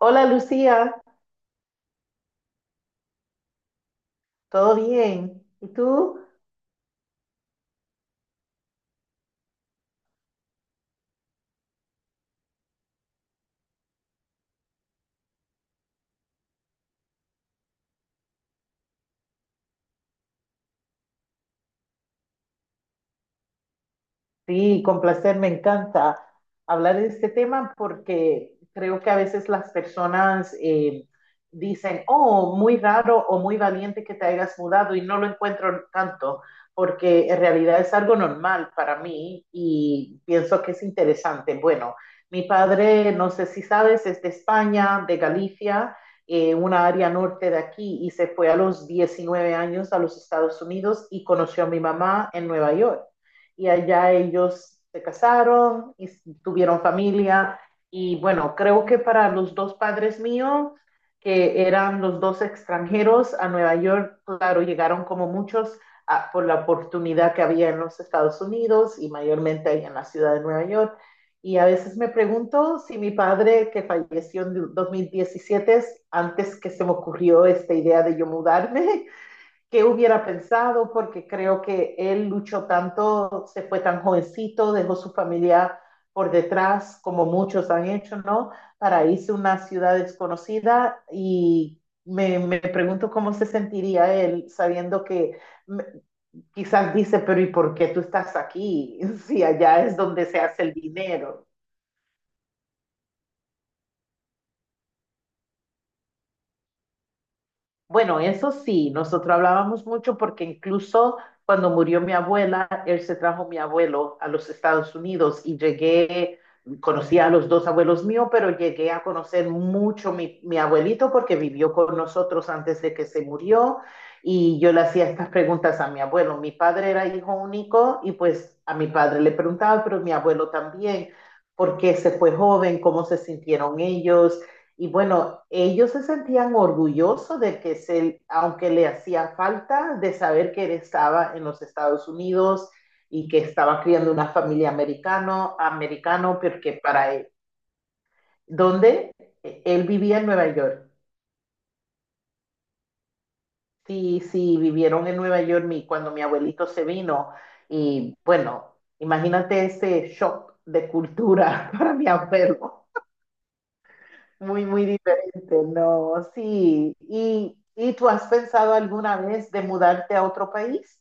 Hola Lucía, ¿todo bien? ¿Y tú? Sí, con placer, me encanta hablar de este tema porque creo que a veces las personas dicen, oh, muy raro o muy valiente que te hayas mudado y no lo encuentro tanto, porque en realidad es algo normal para mí y pienso que es interesante. Bueno, mi padre, no sé si sabes, es de España, de Galicia, una área norte de aquí, y se fue a los 19 años a los Estados Unidos y conoció a mi mamá en Nueva York y allá ellos se casaron y tuvieron familia. Y bueno, creo que para los dos padres míos, que eran los dos extranjeros a Nueva York, claro, llegaron como muchos a, por la oportunidad que había en los Estados Unidos y mayormente ahí en la ciudad de Nueva York. Y a veces me pregunto si mi padre, que falleció en 2017, antes que se me ocurrió esta idea de yo mudarme, qué hubiera pensado, porque creo que él luchó tanto, se fue tan jovencito, dejó su familia por detrás, como muchos han hecho, ¿no? Para irse a una ciudad desconocida y me pregunto cómo se sentiría él sabiendo que mm, quizás dice, pero ¿y por qué tú estás aquí? Si allá es donde se hace el dinero. Bueno, eso sí, nosotros hablábamos mucho porque incluso cuando murió mi abuela, él se trajo mi abuelo a los Estados Unidos y llegué, conocí a los dos abuelos míos, pero llegué a conocer mucho mi abuelito porque vivió con nosotros antes de que se murió y yo le hacía estas preguntas a mi abuelo. Mi padre era hijo único y pues a mi padre le preguntaba, pero mi abuelo también, ¿por qué se fue joven? ¿Cómo se sintieron ellos? Y bueno, ellos se sentían orgullosos de que, se, aunque le hacía falta de saber que él estaba en los Estados Unidos y que estaba criando una familia americano, americano, porque para él, donde él vivía en Nueva York. Sí, sí, vivieron en Nueva York mi, cuando mi abuelito se vino. Y bueno, imagínate ese shock de cultura para mi abuelo. Muy, muy diferente, no, sí. Y tú has pensado alguna vez de mudarte a otro país?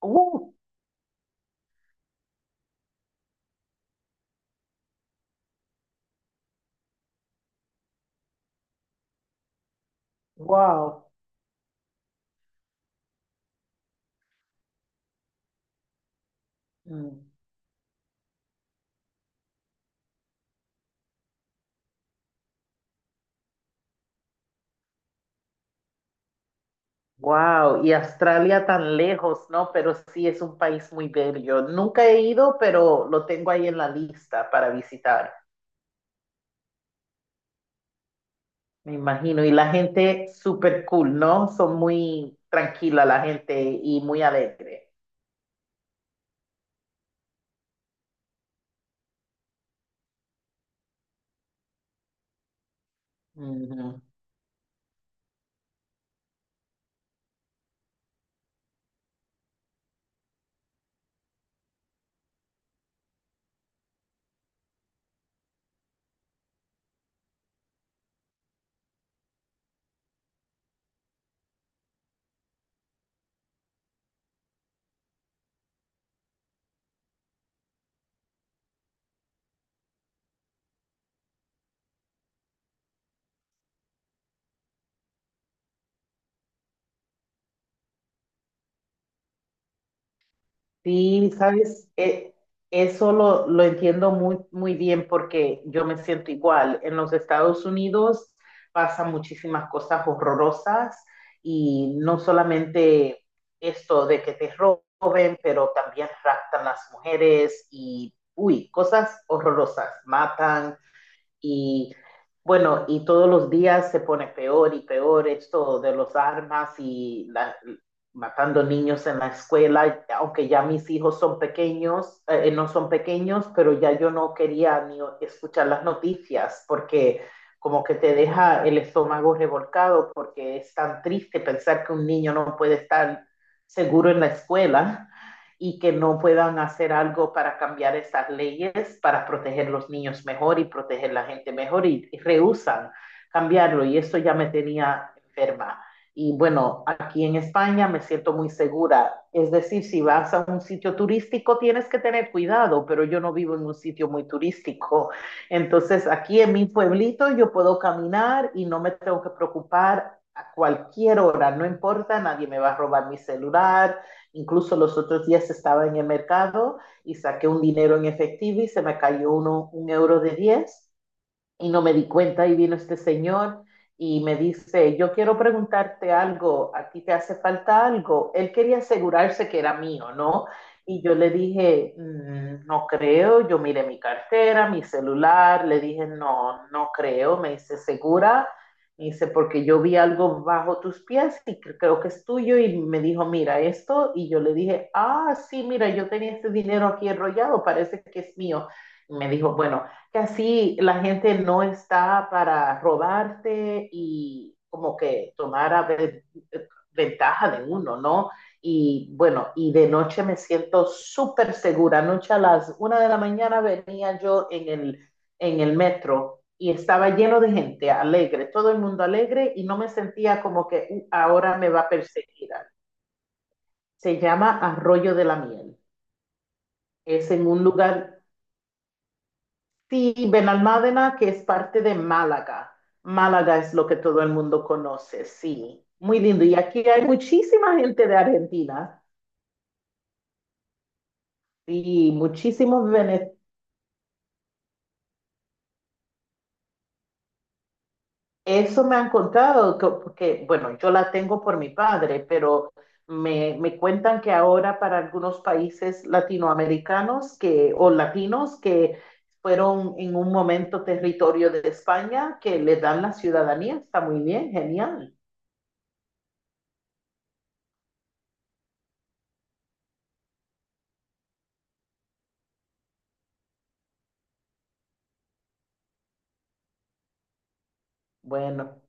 Uh, wow, Mm. Wow, y Australia tan lejos, ¿no? Pero sí es un país muy bello. Nunca he ido, pero lo tengo ahí en la lista para visitar, me imagino. Y la gente súper cool, ¿no? Son muy tranquila la gente y muy alegre. Sí, sabes, eso lo entiendo muy, muy bien porque yo me siento igual. En los Estados Unidos pasan muchísimas cosas horrorosas y no solamente esto de que te roben, pero también raptan las mujeres y, uy, cosas horrorosas, matan y bueno, y todos los días se pone peor y peor esto de los armas y la- matando niños en la escuela, aunque ya mis hijos son pequeños, no son pequeños, pero ya yo no quería ni escuchar las noticias porque como que te deja el estómago revolcado porque es tan triste pensar que un niño no puede estar seguro en la escuela y que no puedan hacer algo para cambiar esas leyes, para proteger los niños mejor y proteger la gente mejor y rehusan cambiarlo. Y eso ya me tenía enferma. Y bueno, aquí en España me siento muy segura. Es decir, si vas a un sitio turístico tienes que tener cuidado, pero yo no vivo en un sitio muy turístico. Entonces, aquí en mi pueblito yo puedo caminar y no me tengo que preocupar a cualquier hora, no importa, nadie me va a robar mi celular. Incluso los otros días estaba en el mercado y saqué un dinero en efectivo y se me cayó un euro de 10 y no me di cuenta y vino este señor y me dice, yo quiero preguntarte algo, a ti te hace falta algo. Él quería asegurarse que era mío, ¿no? Y yo le dije, "Mm, no creo, yo miré mi cartera, mi celular, le dije, no, no creo, me dice, ¿segura? Me dice, porque yo vi algo bajo tus pies y creo que es tuyo y me dijo, mira esto, y yo le dije, ah, sí, mira, yo tenía este dinero aquí enrollado, parece que es mío. Y me dijo, bueno, que así la gente no está para robarte y como que tomar ventaja de uno, ¿no? Y bueno, y de noche me siento súper segura. Anoche a las 1 de la mañana venía yo en el metro y estaba lleno de gente alegre, todo el mundo alegre y no me sentía como que ahora me va a perseguir. Se llama Arroyo de la Miel. Es en un lugar sí, Benalmádena, que es parte de Málaga. Málaga es lo que todo el mundo conoce, sí. Muy lindo. Y aquí hay muchísima gente de Argentina y muchísimos venezolanos. Eso me han contado, que, porque, bueno, yo la tengo por mi padre, pero me cuentan que ahora para algunos países latinoamericanos que, o latinos que fueron en un momento territorio de España, que le dan la ciudadanía. Está muy bien, genial. Bueno.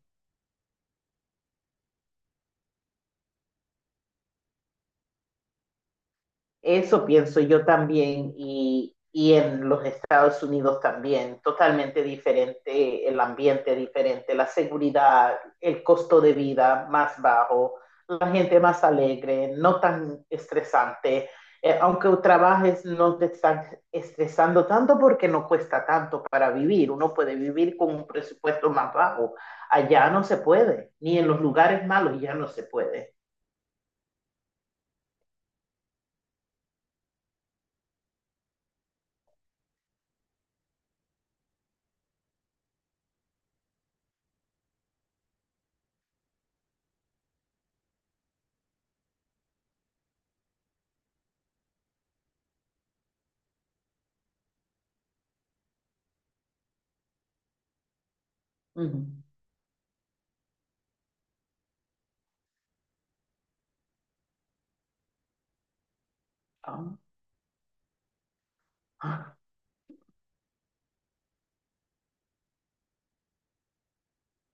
Eso pienso yo también y en los Estados Unidos también, totalmente diferente, el ambiente diferente, la seguridad, el costo de vida más bajo, la gente más alegre, no tan estresante. Aunque trabajes, no te están estresando tanto porque no cuesta tanto para vivir. Uno puede vivir con un presupuesto más bajo. Allá no se puede, ni en los lugares malos ya no se puede. Uh -huh. Ah,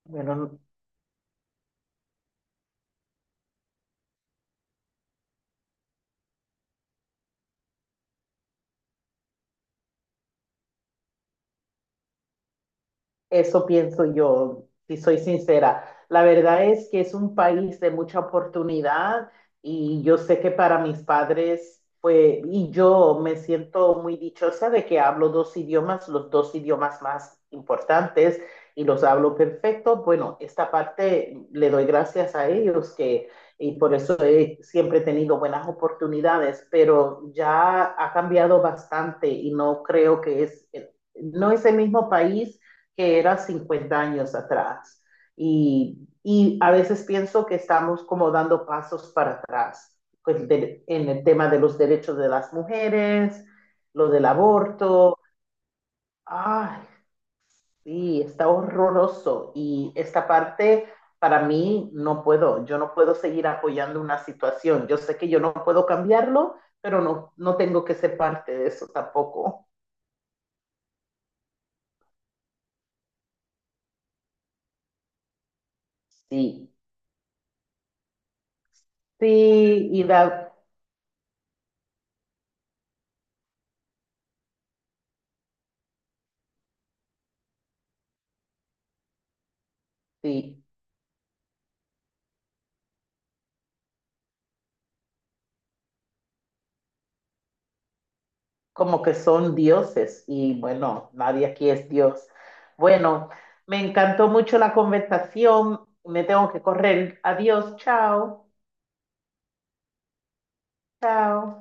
bueno, eso pienso yo, si soy sincera. La verdad es que es un país de mucha oportunidad y yo sé que para mis padres fue, y yo me siento muy dichosa de que hablo dos idiomas, los dos idiomas más importantes y los hablo perfecto. Bueno, esta parte le doy gracias a ellos que, y por eso he siempre tenido buenas oportunidades, pero ya ha cambiado bastante y no creo que es, no es el mismo país que era 50 años atrás. Y a veces pienso que estamos como dando pasos para atrás pues, de, en el tema de los derechos de las mujeres, lo del aborto. Ay, sí, está horroroso. Y esta parte para mí no puedo, yo no puedo seguir apoyando una situación. Yo sé que yo no puedo cambiarlo, pero no, no tengo que ser parte de eso tampoco. Sí, sí, y da, sí, como que son dioses y bueno, nadie aquí es Dios. Bueno, me encantó mucho la conversación. Me tengo que correr. Adiós, chao, chao.